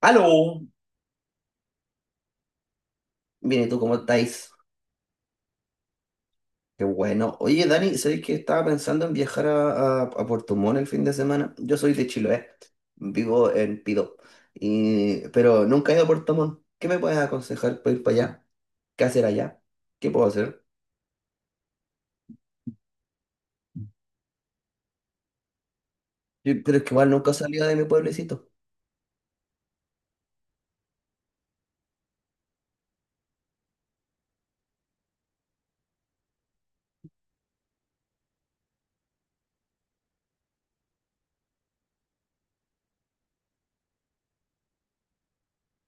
¡Aló! Bien, ¿y tú cómo estáis? Qué bueno. Oye, Dani, ¿sabéis que estaba pensando en viajar a Puerto Montt el fin de semana? Yo soy de Chiloé, vivo en Pido, y, pero nunca he ido a Puerto Montt. ¿Qué me puedes aconsejar para ir para allá? ¿Qué hacer allá? ¿Qué puedo hacer? Pero es que igual nunca he salido de mi pueblecito.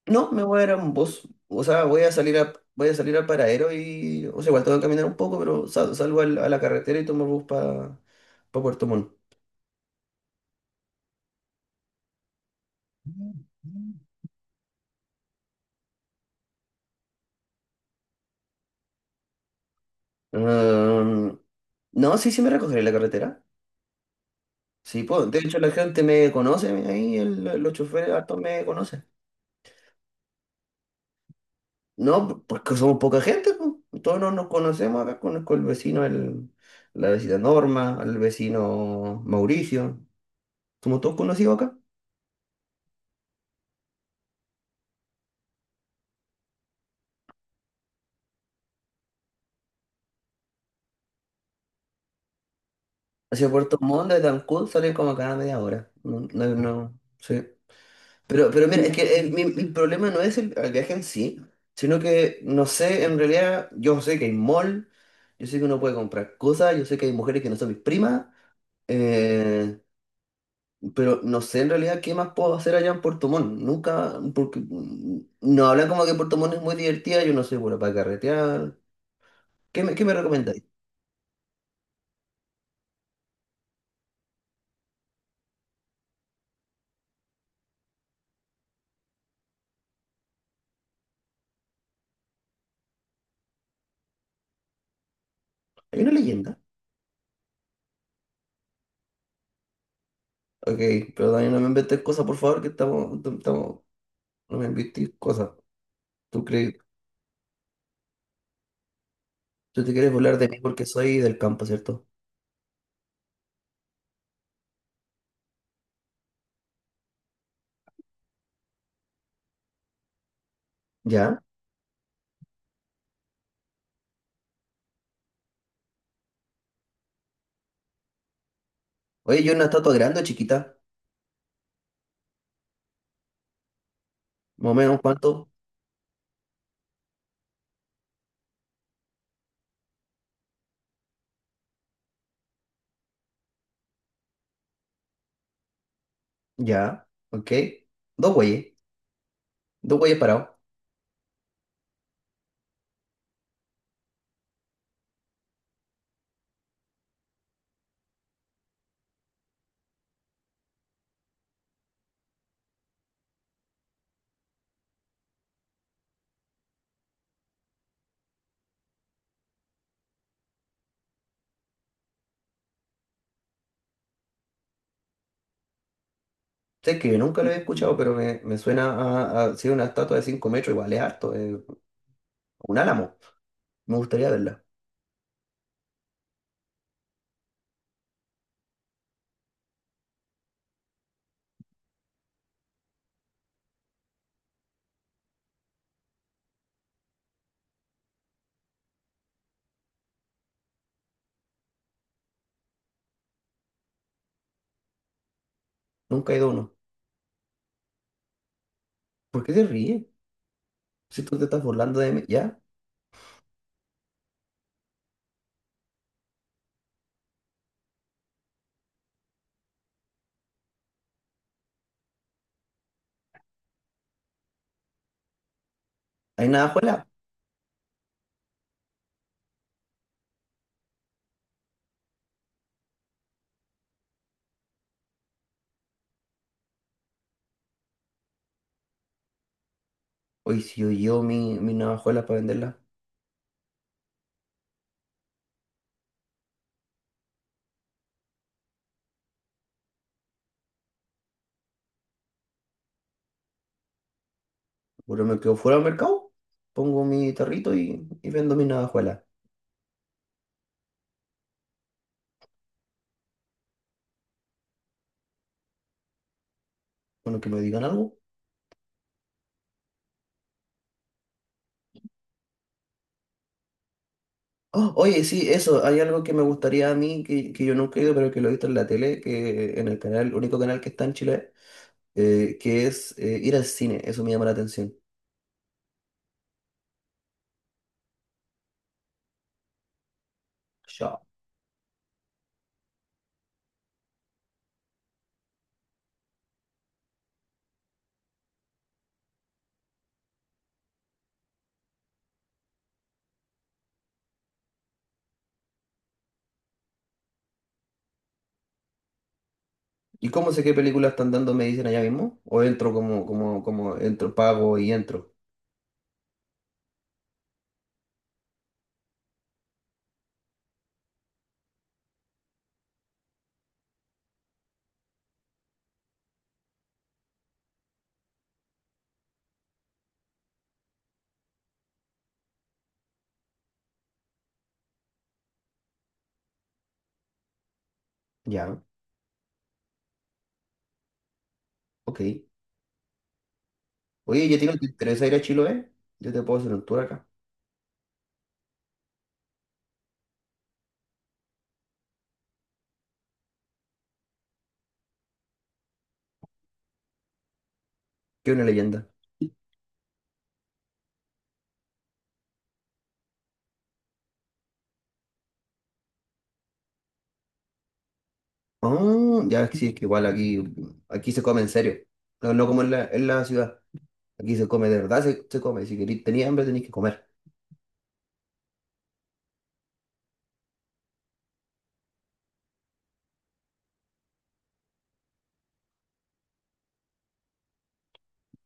No, me voy a ir a un bus. O sea, voy a salir a, voy a salir al paradero y O sea, igual tengo que caminar un poco, pero salgo a la carretera y tomo el bus para Puerto Montt. Mm, no, sí, sí me recogeré en la carretera. Sí, pues, de hecho la gente me conoce, ahí los choferes hartos me conocen. No, pues que somos poca gente, pues. Todos nos conocemos acá, conozco el vecino, el, la vecina Norma, el vecino Mauricio. Somos todos conocidos acá. Hacia Puerto Montt, de Tancud, salen como cada media hora. No, sí. Pero mira, es que el, el problema no es el viaje en sí, sino que no sé, en realidad, yo sé que hay mall, yo sé que uno puede comprar cosas, yo sé que hay mujeres que no son mis primas, eh, pero no sé en realidad qué más puedo hacer allá en Puerto Montt. Nunca, porque no hablan como que Puerto Montt es muy divertida, yo no soy bueno para carretear. ¿Qué me recomendáis? Hay una leyenda. Ok, pero Dani, no me inventes cosas, por favor, no me inventéis cosas. ¿Tú crees? Tú te quieres burlar de mí porque soy del campo, ¿cierto? Ya. Oye, ¿yo una estatua grande o chiquita? Más o menos, ¿cuánto? Ya. Ok. Dos güeyes. Dos güeyes parados. Sé que nunca lo he escuchado, pero me suena a ser una estatua de 5 metros. Igual es harto. Es un álamo. Me gustaría verla. Nunca he ido a uno. ¿Por qué te ríes? Si tú te estás burlando de mí, ¿ya? ¿Hay navajuela? Oye, si yo llevo mi navajuela para venderla, pero me quedo fuera del mercado. Pongo mi tarrito y vendo mi navajuela. Bueno, que me digan algo. Oh, oye, sí, eso, hay algo que me gustaría a mí, que yo nunca he ido, pero que lo he visto en la tele, que en el canal, único canal que está en Chile, que es ir al cine, eso me llama la atención. Ya. ¿Y cómo sé qué películas están dando? ¿Me dicen allá mismo? ¿O entro como, entro, pago y entro? Ya, ok. Oye, ¿y a ti no te interesa ir a Chiloé? Yo te puedo hacer un tour acá, que una leyenda. Ah, ya, sí, es que igual aquí, aquí se come en serio, no, no como en la ciudad. Aquí se come de verdad, se come. Si queréis, tenía hambre, tenéis que comer.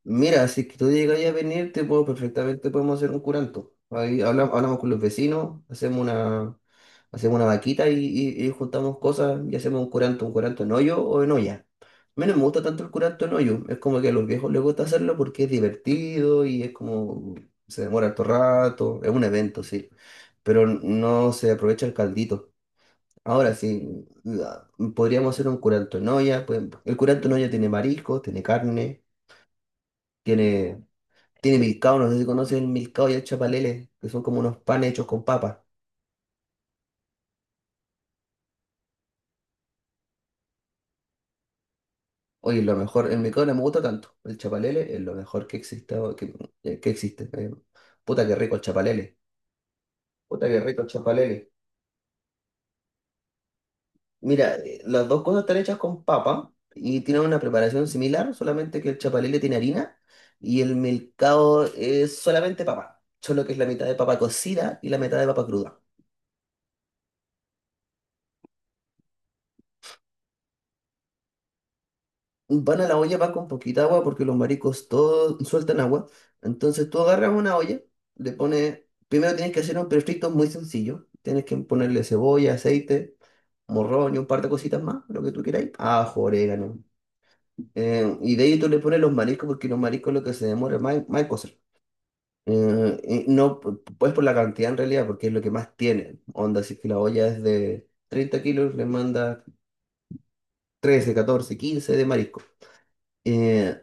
Mira, si es que tú llegas ahí a venir, te puedo, perfectamente podemos hacer un curanto. Ahí hablamos con los vecinos, hacemos una vaquita y juntamos cosas y hacemos un curanto en hoyo o en olla. A mí no me gusta tanto el curanto en hoyo, es como que a los viejos les gusta hacerlo porque es divertido y es como se demora harto rato, es un evento, sí, pero no se aprovecha el caldito. Ahora sí, la- podríamos hacer un curanto en olla, pues, el curanto en olla tiene mariscos, tiene carne. Tiene Tiene milcao, no sé si conoces el milcao y el chapalele, que son como unos panes hechos con papa. Oye, lo mejor, el milcao no me gusta tanto. El chapalele es lo mejor que existe. Que existe. Puta que rico el chapalele. Puta que rico el chapalele. Mira, las dos cosas están hechas con papa y tienen una preparación similar, solamente que el chapalele tiene harina y el milcao es solamente papa. Solo que es la mitad de papa cocida y la mitad de papa cruda. Van a la olla, va con poquita agua porque los mariscos todos sueltan agua. Entonces tú agarras una olla, le pones, primero tienes que hacer un refrito muy sencillo. Tienes que ponerle cebolla, aceite, morrón y un par de cositas más, lo que tú queráis. Ajo, orégano. Y de ahí tú le pones los mariscos porque los mariscos lo que se demora más, más en cocer. Y no, pues por la cantidad en realidad, porque es lo que más tiene. Onda, si es que la olla es de 30 kilos, le manda 13 14 15 de marisco. Eh,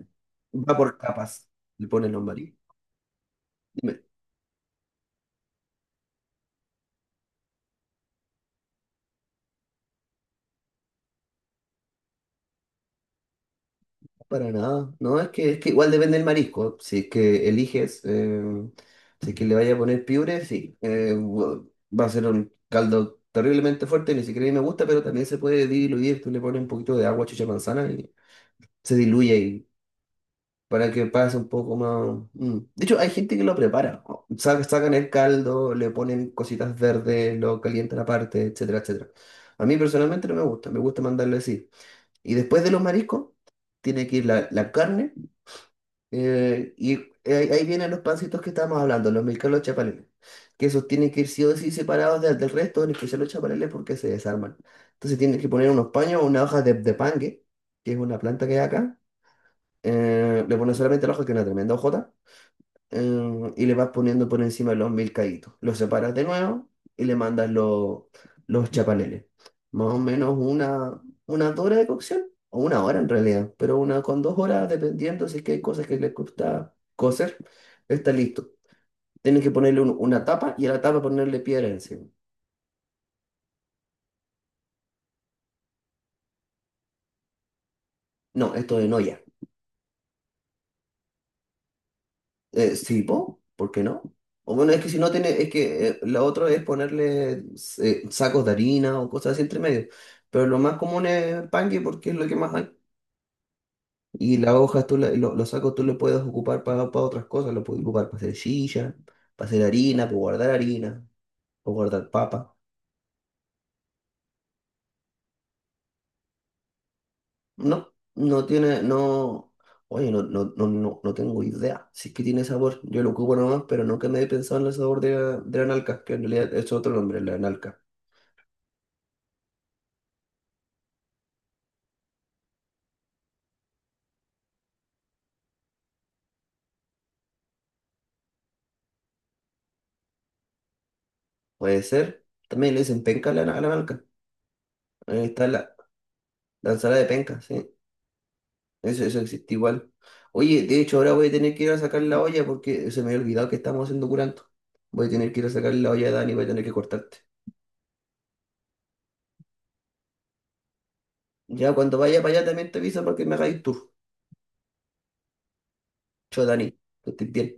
Va por capas, le ponen los mariscos. Dime, para nada. No, es que igual depende del marisco. Si es que eliges, si es que le vaya a poner piure, sí. Va a ser un caldo terriblemente fuerte, ni siquiera a mí me gusta, pero también se puede diluir. Tú le pones un poquito de agua, chicha de manzana y se diluye y para que pase un poco más. Mm. De hecho, hay gente que lo prepara. Sacan el caldo, le ponen cositas verdes, lo calientan aparte, etcétera, etcétera. A mí personalmente no me gusta, me gusta mandarle así. Y después de los mariscos, tiene que ir la, la carne. Eh, y ahí, ahí vienen los pancitos que estábamos hablando, los milcalos chapaleles. Que esos tienen que ir sí o sí separados del resto, en especial los chapaleles, porque se desarman. Entonces tienen que poner unos paños, una hoja de pangue, que es una planta que hay acá. Eh, le ponen solamente la hoja, que es una tremenda hojota. Eh, y le vas poniendo por encima los milcaitos. Los separas de nuevo y le mandas los chapaleles. Más o menos una hora de cocción, o una hora en realidad, pero una con 2 horas, dependiendo si es que hay cosas que les gusta cocer, está listo. Tienes que ponerle una tapa y a la tapa ponerle piedra encima. No, esto de no. Sí, po, ¿por qué no? O bueno, es que si no tiene, es que lo otro es ponerle sacos de harina o cosas así entre medio. Pero lo más común es panque porque es lo que más hay. Y las hojas, tú los sacos tú lo puedes ocupar para otras cosas. Lo puedes ocupar para hacer silla, para hacer harina, para guardar papa. No, no tiene, no. Oye, no, no, no, no, no tengo idea. Si es que tiene sabor, yo lo ocupo nomás, pero nunca me he pensado en el sabor de, de la nalca, que en realidad es otro nombre, la nalca. Puede ser. También le dicen penca a la banca. Ahí está la, la ensalada de penca, sí. Eso existe igual. Oye, de hecho, ahora voy a tener que ir a sacar la olla porque se me había olvidado que estamos haciendo curanto. Voy a tener que ir a sacar la olla, Dani, voy a tener que cortarte. Ya cuando vaya para allá también te aviso para que me hagáis tour. Chao, Dani, que estés bien.